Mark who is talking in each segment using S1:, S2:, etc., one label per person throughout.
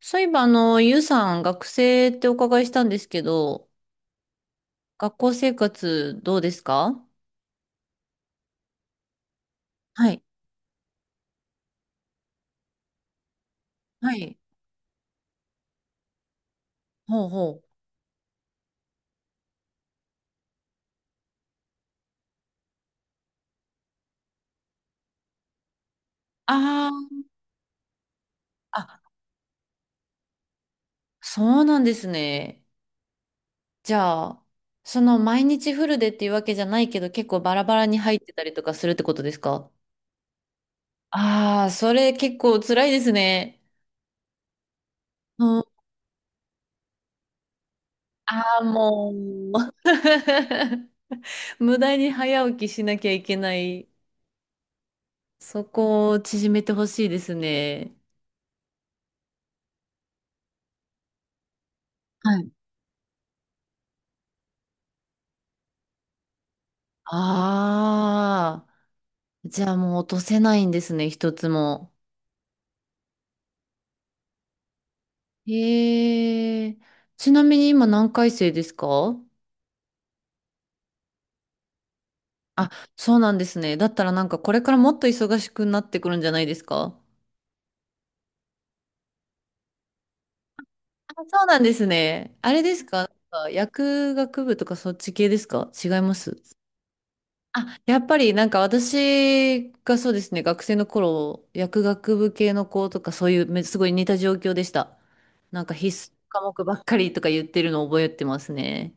S1: そういえば、ゆうさん、学生ってお伺いしたんですけど、学校生活どうですか？はい。はい。ほうほう。ああ、あ、そうなんですね。じゃあ、その毎日フルでっていうわけじゃないけど、結構バラバラに入ってたりとかするってことですか？ああー、それ結構辛いですね。うん、ああ、もう。無駄に早起きしなきゃいけない。そこを縮めてほしいですね。ああ、じゃあもう落とせないんですね、一つも。へえ。ちなみに今何回生ですか？あ、そうなんですね。だったらなんかこれからもっと忙しくなってくるんじゃないですか？あ、そうなんですね。あれですか、なんか薬学部とかそっち系ですか？違います？あ、やっぱりなんか私がそうですね、学生の頃、薬学部系の子とかそういうすごい似た状況でした。なんか必須科目ばっかりとか言ってるのを覚えてますね。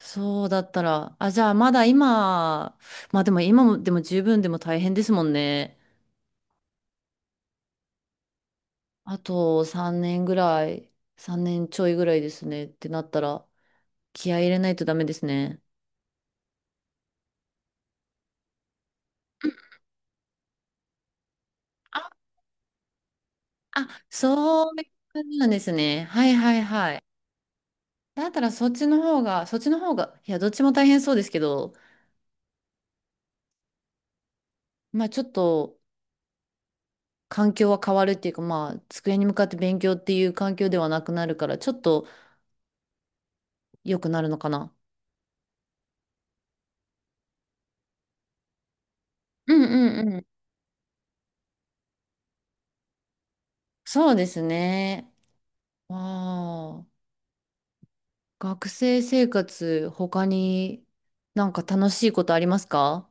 S1: そうだったら、あ、じゃあまだ今、まあでも今もでも十分でも大変ですもんね。あと3年ぐらい、3年ちょいぐらいですねってなったら、気合い入れないとダメですね。あ、あ、そういう感じなんですね。はいはいはい。だったらそっちの方が、いや、どっちも大変そうですけど、まあちょっと環境は変わるっていうか、まあ机に向かって勉強っていう環境ではなくなるから、ちょっと良くなるのかな。うんうんうん。そうですね。ああ、学生生活、他になんか楽しいことありますか？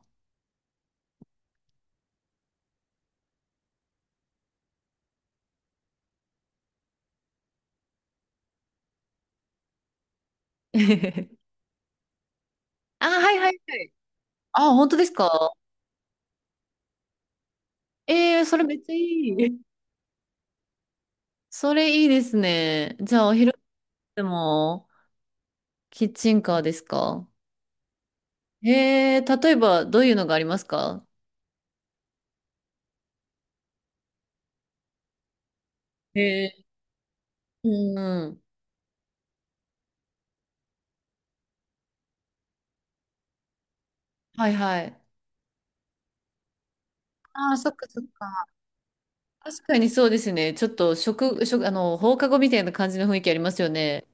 S1: あ、はいはいはい。あ、本当ですか？ええー、それめっちゃいい。それいいですね。じゃあ、お昼でもキッチンカーですか？ええー、例えばどういうのがありますか？ええー、うんうん。はいはい。ああ、そっかそっか。確かにそうですね。ちょっと食、食、あの、放課後みたいな感じの雰囲気ありますよね。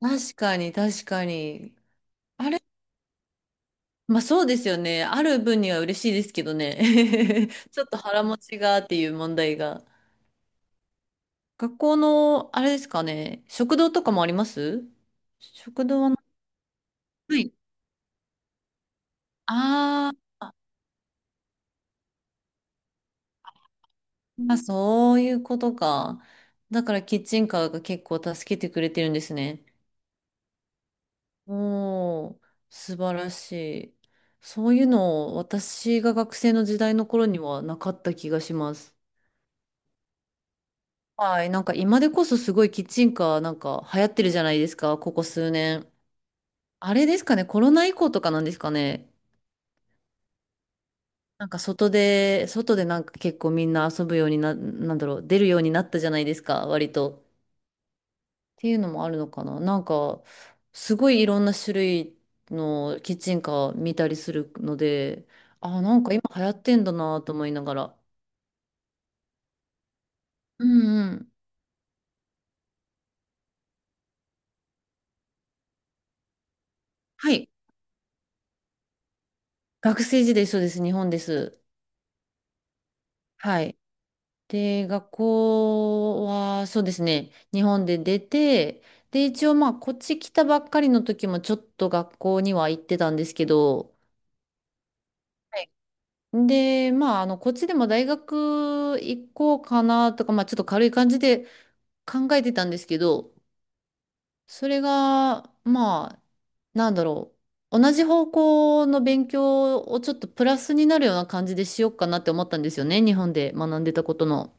S1: 確かに、確かに。あれ、まあそうですよね。ある分には嬉しいですけどね。ちょっと腹持ちがっていう問題が。学校の、あれですかね。食堂とかもあります？食堂はな、はい。あーあ、そういうことか。だからキッチンカーが結構助けてくれてるんですね。おお、素晴らしい。そういうの、私が学生の時代の頃にはなかった気がします。はい、なんか今でこそすごいキッチンカーなんか流行ってるじゃないですか、ここ数年。あれですかね、コロナ以降とかなんですかね。なんか外で、なんか結構みんな遊ぶようになんだろう、出るようになったじゃないですか、割と。ていうのもあるのかな。なんか、すごいいろんな種類のキッチンカー見たりするので、あ、なんか今流行ってんだなと思いながら。うんうん。はい。学生時代そうです。日本です。はい。で、学校はそうですね。日本で出て、で、一応まあ、こっち来たばっかりの時もちょっと学校には行ってたんですけど、はい。で、まあ、こっちでも大学行こうかなとか、まあ、ちょっと軽い感じで考えてたんですけど、それが、まあ、なんだろう。同じ方向の勉強をちょっとプラスになるような感じでしようかなって思ったんですよね。日本で学んでたことの。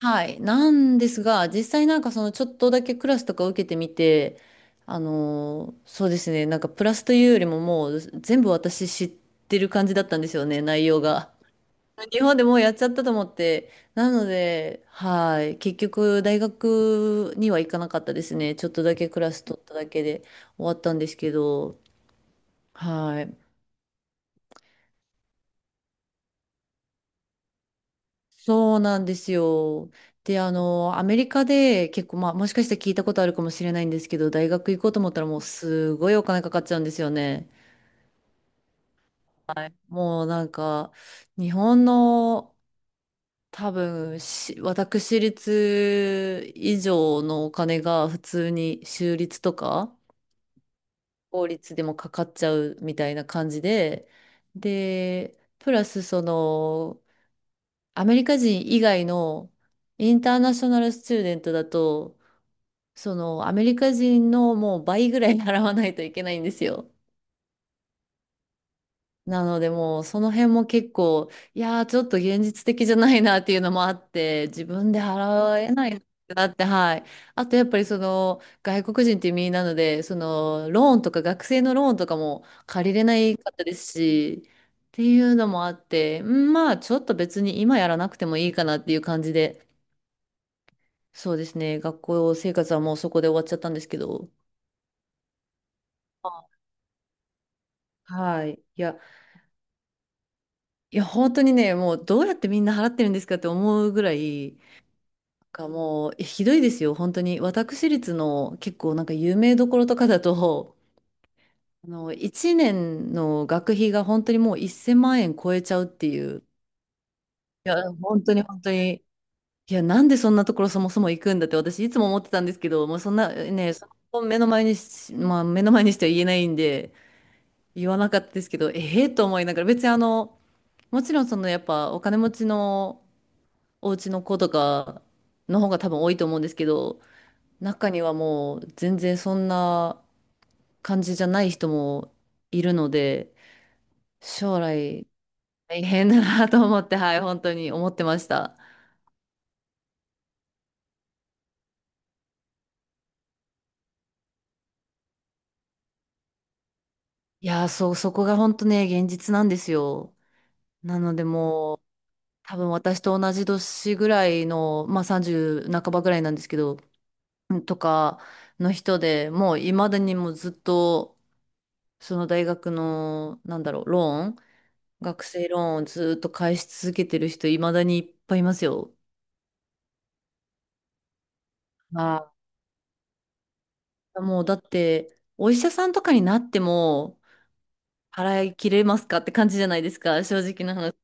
S1: はい。なんですが、実際なんかそのちょっとだけクラスとか受けてみて、そうですね。なんかプラスというよりももう全部私知ってる感じだったんですよね、内容が。日本でもうやっちゃったと思って、なので、はい、結局大学には行かなかったですね。ちょっとだけクラス取っただけで終わったんですけど、はい、そうなんですよ。で、アメリカで結構、まあ、もしかしたら聞いたことあるかもしれないんですけど、大学行こうと思ったらもうすごいお金かかっちゃうんですよね。もうなんか、日本の多分私立以上のお金が普通に州立とか法律でもかかっちゃうみたいな感じで、で、プラスその、アメリカ人以外のインターナショナルスチューデントだと、そのアメリカ人のもう倍ぐらい 払わないといけないんですよ。なのでもうその辺も結構、いやーちょっと現実的じゃないなっていうのもあって、自分で払えないなって、はい。あとやっぱりその外国人っていう身なので、そのローンとか学生のローンとかも借りれないかったですし、っていうのもあって、うんまあちょっと別に今やらなくてもいいかなっていう感じで、そうですね、学校生活はもうそこで終わっちゃったんですけど、はい。いや、いや本当にね、もうどうやってみんな払ってるんですかって思うぐらい、がもう、ひどいですよ、本当に。私立の結構なんか有名どころとかだと、1年の学費が本当にもう1000万円超えちゃうっていう。いや、本当に本当に。いや、なんでそんなところそもそも行くんだって私いつも思ってたんですけど、もうそんなね、その目の前にし、まあ目の前にしては言えないんで、言わなかったですけど、ええと思いながら、別にもちろんそのやっぱお金持ちのお家の子とかの方が多分多いと思うんですけど、中にはもう全然そんな感じじゃない人もいるので、将来大変だなと思って、はい、本当に思ってました。いやー、そう、そこが本当ね、現実なんですよ。なのでもう、多分私と同じ年ぐらいの、まあ30半ばぐらいなんですけど、うんとかの人でもう未だにもうずっと、その大学の、なんだろう、ローン、学生ローンをずっと返し続けてる人、未だにいっぱいいますよ。はい。もうだって、お医者さんとかになっても、払い切れますかって感じじゃないですか、正直な話。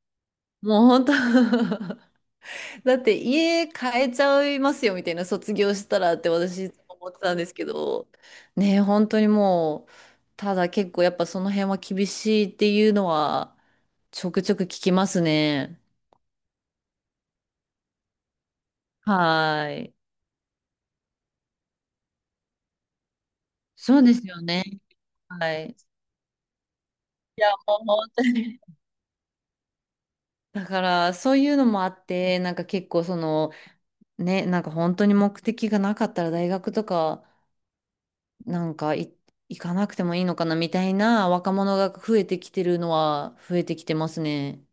S1: もう本当 だって家変えちゃいますよみたいな卒業したらって私いつも思ってたんですけど、ねえ、本当にもう、ただ結構やっぱその辺は厳しいっていうのは、ちょくちょく聞きますね。はい。そうですよね。はい。いや、もう本当に。だから、そういうのもあって、なんか結構その、ね、なんか本当に目的がなかったら大学とかなんか行かなくてもいいのかなみたいな若者が増えてきてるのは増えてきてますね。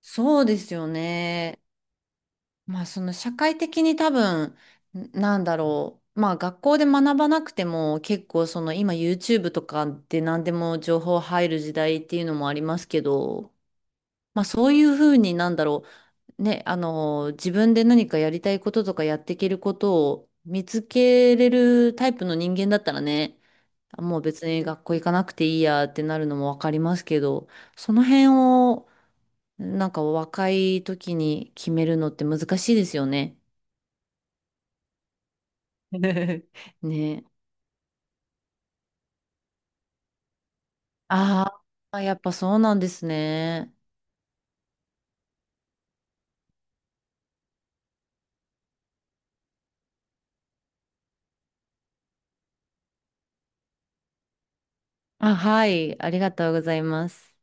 S1: そうですよね。まあその社会的に多分なんだろう。まあ学校で学ばなくても結構その今 YouTube とかで何でも情報入る時代っていうのもありますけど、まあそういうふうになんだろう。ね、自分で何かやりたいこととかやっていけることを見つけれるタイプの人間だったらね、あもう別に学校行かなくていいやってなるのもわかりますけど、その辺をなんか若い時に決めるのって難しいですよね。ね。あーあ、やっぱそうなんですね。あ、はい、ありがとうございます。